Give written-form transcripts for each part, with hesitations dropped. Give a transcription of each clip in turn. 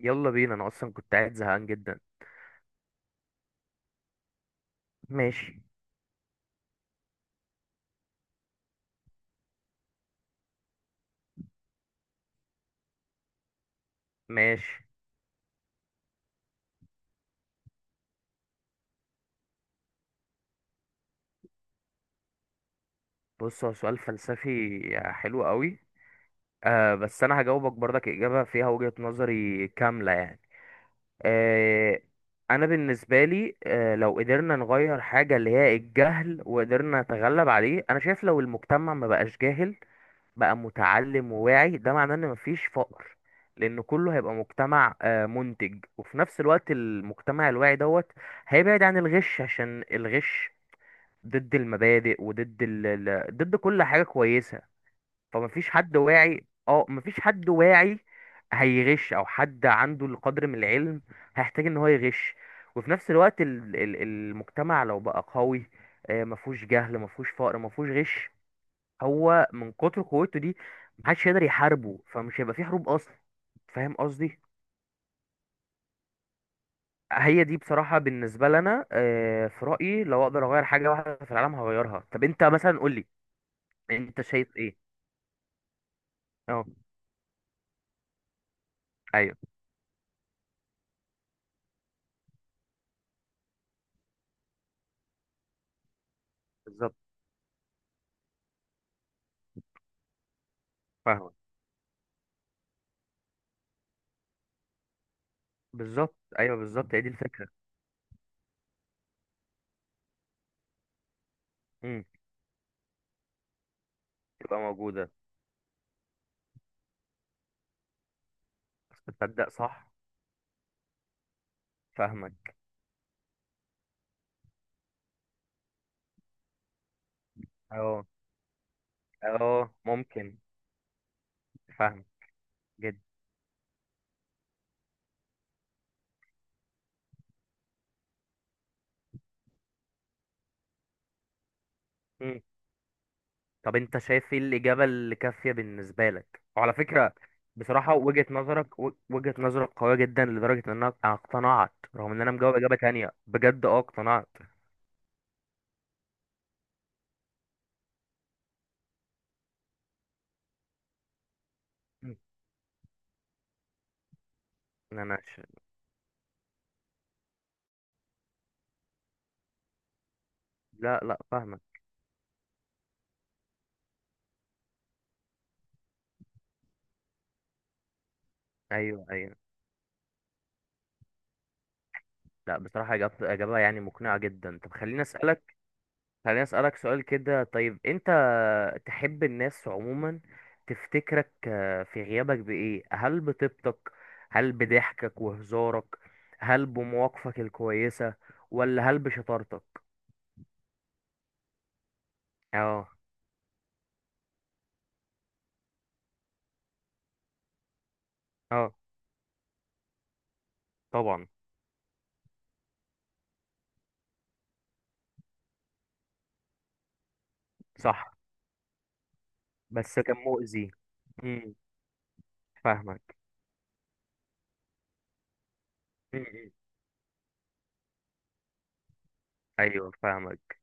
يلا بينا انا اصلا كنت قاعد زهقان جدا. ماشي. ماشي. بص، هو سؤال فلسفي حلو قوي. آه، بس انا هجاوبك برضك اجابه فيها وجهه نظري كامله يعني. آه. انا بالنسبه لي، لو قدرنا نغير حاجه اللي هي الجهل وقدرنا نتغلب عليه، انا شايف لو المجتمع ما بقاش جاهل بقى متعلم وواعي، ده معناه ان مفيش فقر، لان كله هيبقى مجتمع منتج. وفي نفس الوقت المجتمع الواعي دوت هيبعد عن الغش، عشان الغش ضد المبادئ وضد ضد كل حاجة كويسة. فمفيش حد واعي، مفيش حد واعي هيغش، او حد عنده القدر من العلم هيحتاج ان هو يغش. وفي نفس الوقت المجتمع لو بقى قوي، مفهوش جهل مفهوش فقر مفهوش غش، هو من كتر قوته دي محدش يقدر يحاربه فمش هيبقى فيه حروب اصلا. فاهم قصدي؟ هي دي بصراحة بالنسبة لنا، في رأيي لو اقدر اغير حاجة واحدة في العالم هغيرها. طب انت مثلا قولي، انت شايف ايه؟ اه. ايوه، بالظبط. فاهمة. بالظبط، ايوه بالظبط، هي دي الفكرة. امم. تبقى موجودة. بس تصدق، صح. فاهمك. اه، اه، ممكن. فاهمك جدا. امم. طب انت شايف ايه الإجابة اللي كافية بالنسبة لك؟ وعلى فكرة، بصراحة وجهة نظرك وجهة نظرك قوية جدا لدرجة ان انا اقتنعت، رغم ان انا مجاوب إجابة تانية بجد، اقتنعت. مم. ان انا ش... لا، لا، فاهمك. ايوه، ايوه. لا بصراحة، إجابة إجابة يعني مقنعة جدا. طب خليني أسألك. سؤال كده. طيب، أنت تحب الناس عموما، تفتكرك في غيابك بإيه؟ هل بطيبتك؟ هل بضحكك وهزارك؟ هل بمواقفك الكويسة؟ ولا هل بشطارتك؟ اه. اه طبعا. صح بس كان مؤذي. امم. فاهمك. امم. امم. أيوه، فاهمك.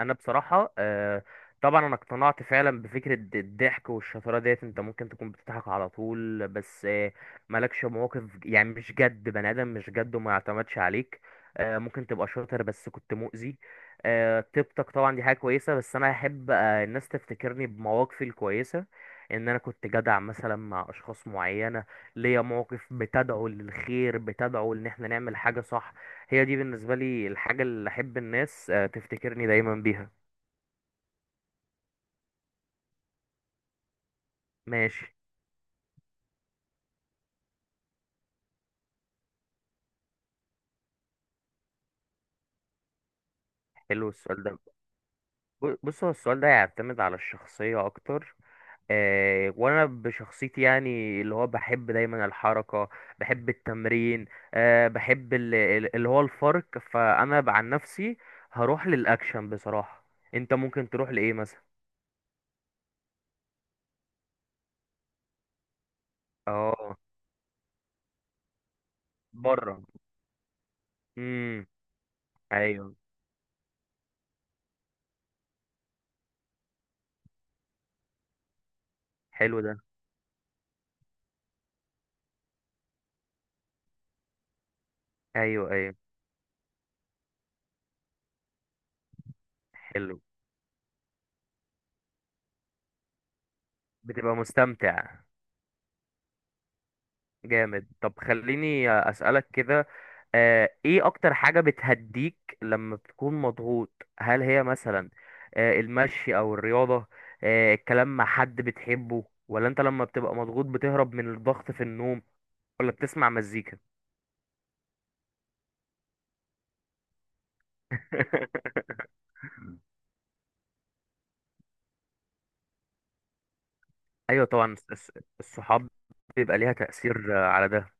انا بصراحه، طبعا انا اقتنعت فعلا بفكره الضحك والشطاره ديت. انت ممكن تكون بتضحك على طول بس، مالكش مواقف، يعني مش جد، بني ادم مش جد وما يعتمدش عليك. ممكن تبقى شاطر بس كنت مؤذي. طيبتك طبعا دي حاجه كويسه، بس انا احب الناس تفتكرني بمواقفي الكويسه، ان انا كنت جدع مثلا مع اشخاص معينه، ليا مواقف بتدعو للخير، بتدعو ان احنا نعمل حاجه صح. هي دي بالنسبة لي الحاجة اللي أحب الناس تفتكرني دايما بيها. ماشي. حلو السؤال ده. بص هو السؤال ده يعتمد على الشخصية أكتر. وأنا بشخصيتي يعني اللي هو بحب دايما الحركة، بحب التمرين، بحب اللي هو الفرق. فأنا عن نفسي هروح للأكشن بصراحة. أنت ممكن تروح لإيه مثلا؟ اه. بره. امم. أيوه. حلو ده. أيوه، أيوه. حلو. بتبقى مستمتع. جامد. طب خليني أسألك كده، ايه اكتر حاجة بتهديك لما بتكون مضغوط؟ هل هي مثلا المشي او الرياضة، الكلام مع حد بتحبه، ولا انت لما بتبقى مضغوط بتهرب من الضغط في النوم، ولا بتسمع مزيكا؟ ايوه طبعا، الصحاب بيبقى ليها تأثير على ده.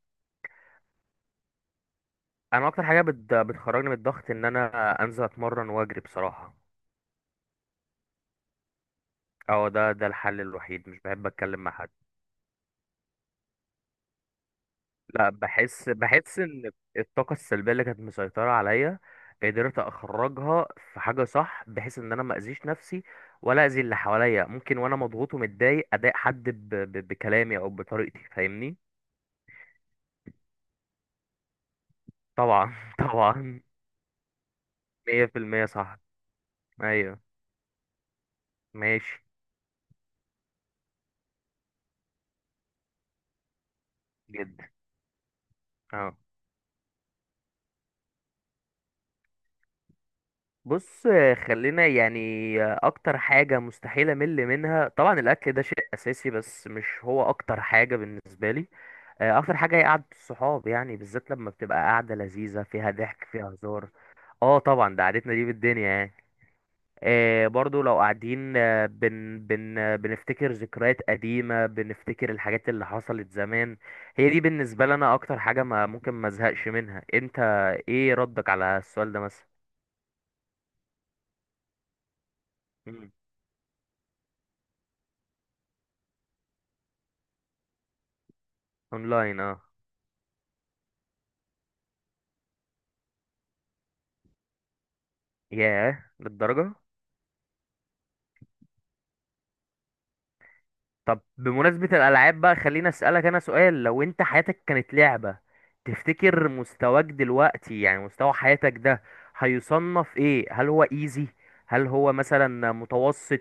انا اكتر حاجة بتخرجني من الضغط ان انا انزل اتمرن واجري بصراحة. اه، ده الحل الوحيد، مش بحب اتكلم مع حد. لا، بحس، ان الطاقه السلبيه اللي كانت مسيطره عليا قدرت اخرجها في حاجه صح، بحيث ان انا ما اذيش نفسي ولا اذي اللي حواليا. ممكن وانا مضغوط ومتضايق اضايق حد بكلامي او بطريقتي فاهمني. طبعا طبعا. 100% صح. ايوه. ماشي. جدا. اه. بص، خلينا يعني، اكتر حاجه مستحيل امل منها طبعا الاكل، ده شيء اساسي بس مش هو اكتر حاجه بالنسبه لي. اكتر حاجه هي قعده الصحاب، يعني بالذات لما بتبقى قعده لذيذه فيها ضحك فيها هزار. اه طبعا، ده قعدتنا دي بالدنيا يعني. آه برضو لو قاعدين، آه، بن بن آه، بنفتكر ذكريات قديمه، بنفتكر الحاجات اللي حصلت زمان. هي دي بالنسبه لنا اكتر حاجه ما ممكن ما ازهقش منها. انت ايه ردك على السؤال ده مثلا؟ مم. اونلاين اه. ياه، للدرجه. طب بمناسبة الألعاب بقى خليني أسألك أنا سؤال، لو أنت حياتك كانت لعبة، تفتكر مستواك دلوقتي يعني مستوى حياتك ده هيصنف إيه؟ هل هو إيزي؟ هل هو مثلا متوسط؟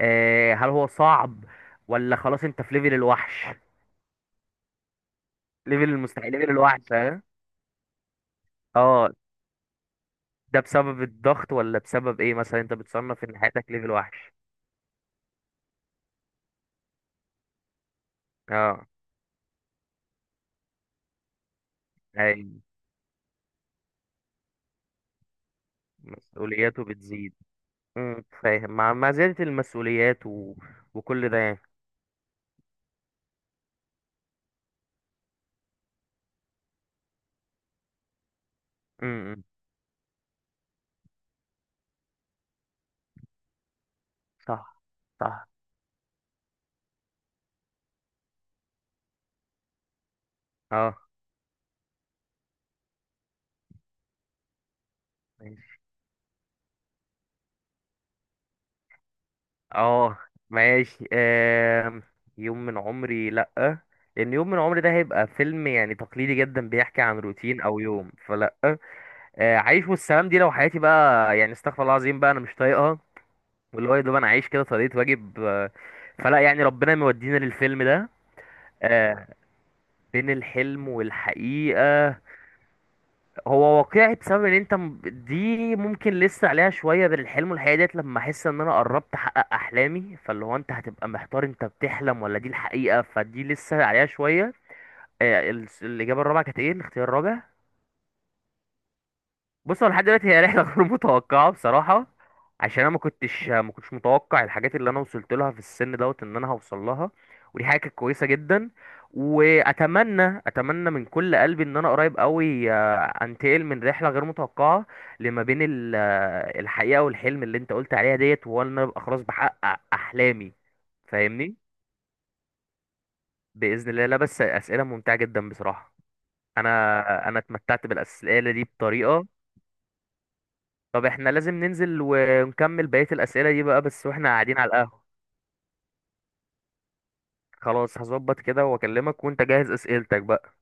هل هو صعب؟ ولا خلاص أنت في ليفل الوحش؟ ليفل المستحيل، ليفل الوحش، ها؟ اه. ده بسبب الضغط ولا بسبب إيه مثلا أنت بتصنف إن حياتك ليفل وحش؟ اه، أي. مسؤولياته بتزيد. فاهم، مع زيادة المسؤوليات وكل ده يعني. امم. صح. صح. اه ماشي. اه ماشي. يوم من عمري، لأ. لأن يوم من عمري ده هيبقى فيلم يعني تقليدي جدا بيحكي عن روتين أو يوم، فلأ. عيش والسلام دي لو حياتي بقى يعني، استغفر الله العظيم، بقى أنا مش طايقها، واللي هو يا دوب أنا عايش كده طريقة واجب، فلأ يعني ربنا مودينا للفيلم ده. آه، بين الحلم والحقيقة. هو واقعي بسبب ان انت دي ممكن لسه عليها شويه، بين الحلم والحقيقه ديت لما احس ان انا قربت احقق احلامي، فاللي هو انت هتبقى محتار انت بتحلم ولا دي الحقيقه، فدي لسه عليها شويه. الاجابه الرابعه كانت ايه الاختيار الرابع؟ بص هو لحد دلوقتي هي رحله غير متوقعه بصراحه، عشان انا ما كنتش متوقع الحاجات اللي انا وصلت لها في السن دوت ان انا هوصل لها، ودي حاجه كانت كويسه جدا. واتمنى من كل قلبي ان انا قريب قوي، انتقل من رحله غير متوقعه لما بين الحقيقه والحلم اللي انت قلت عليها ديت، وان انا ابقى خلاص بحقق احلامي. فاهمني؟ باذن الله. لا بس اسئله ممتعه جدا بصراحه. انا اتمتعت بالاسئله دي بطريقه. طب احنا لازم ننزل ونكمل بقية الأسئلة دي بقى بس واحنا قاعدين على القهوة. خلاص هظبط كده واكلمك، وانت جهز أسئلتك بقى.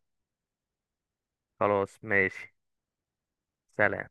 خلاص ماشي. سلام.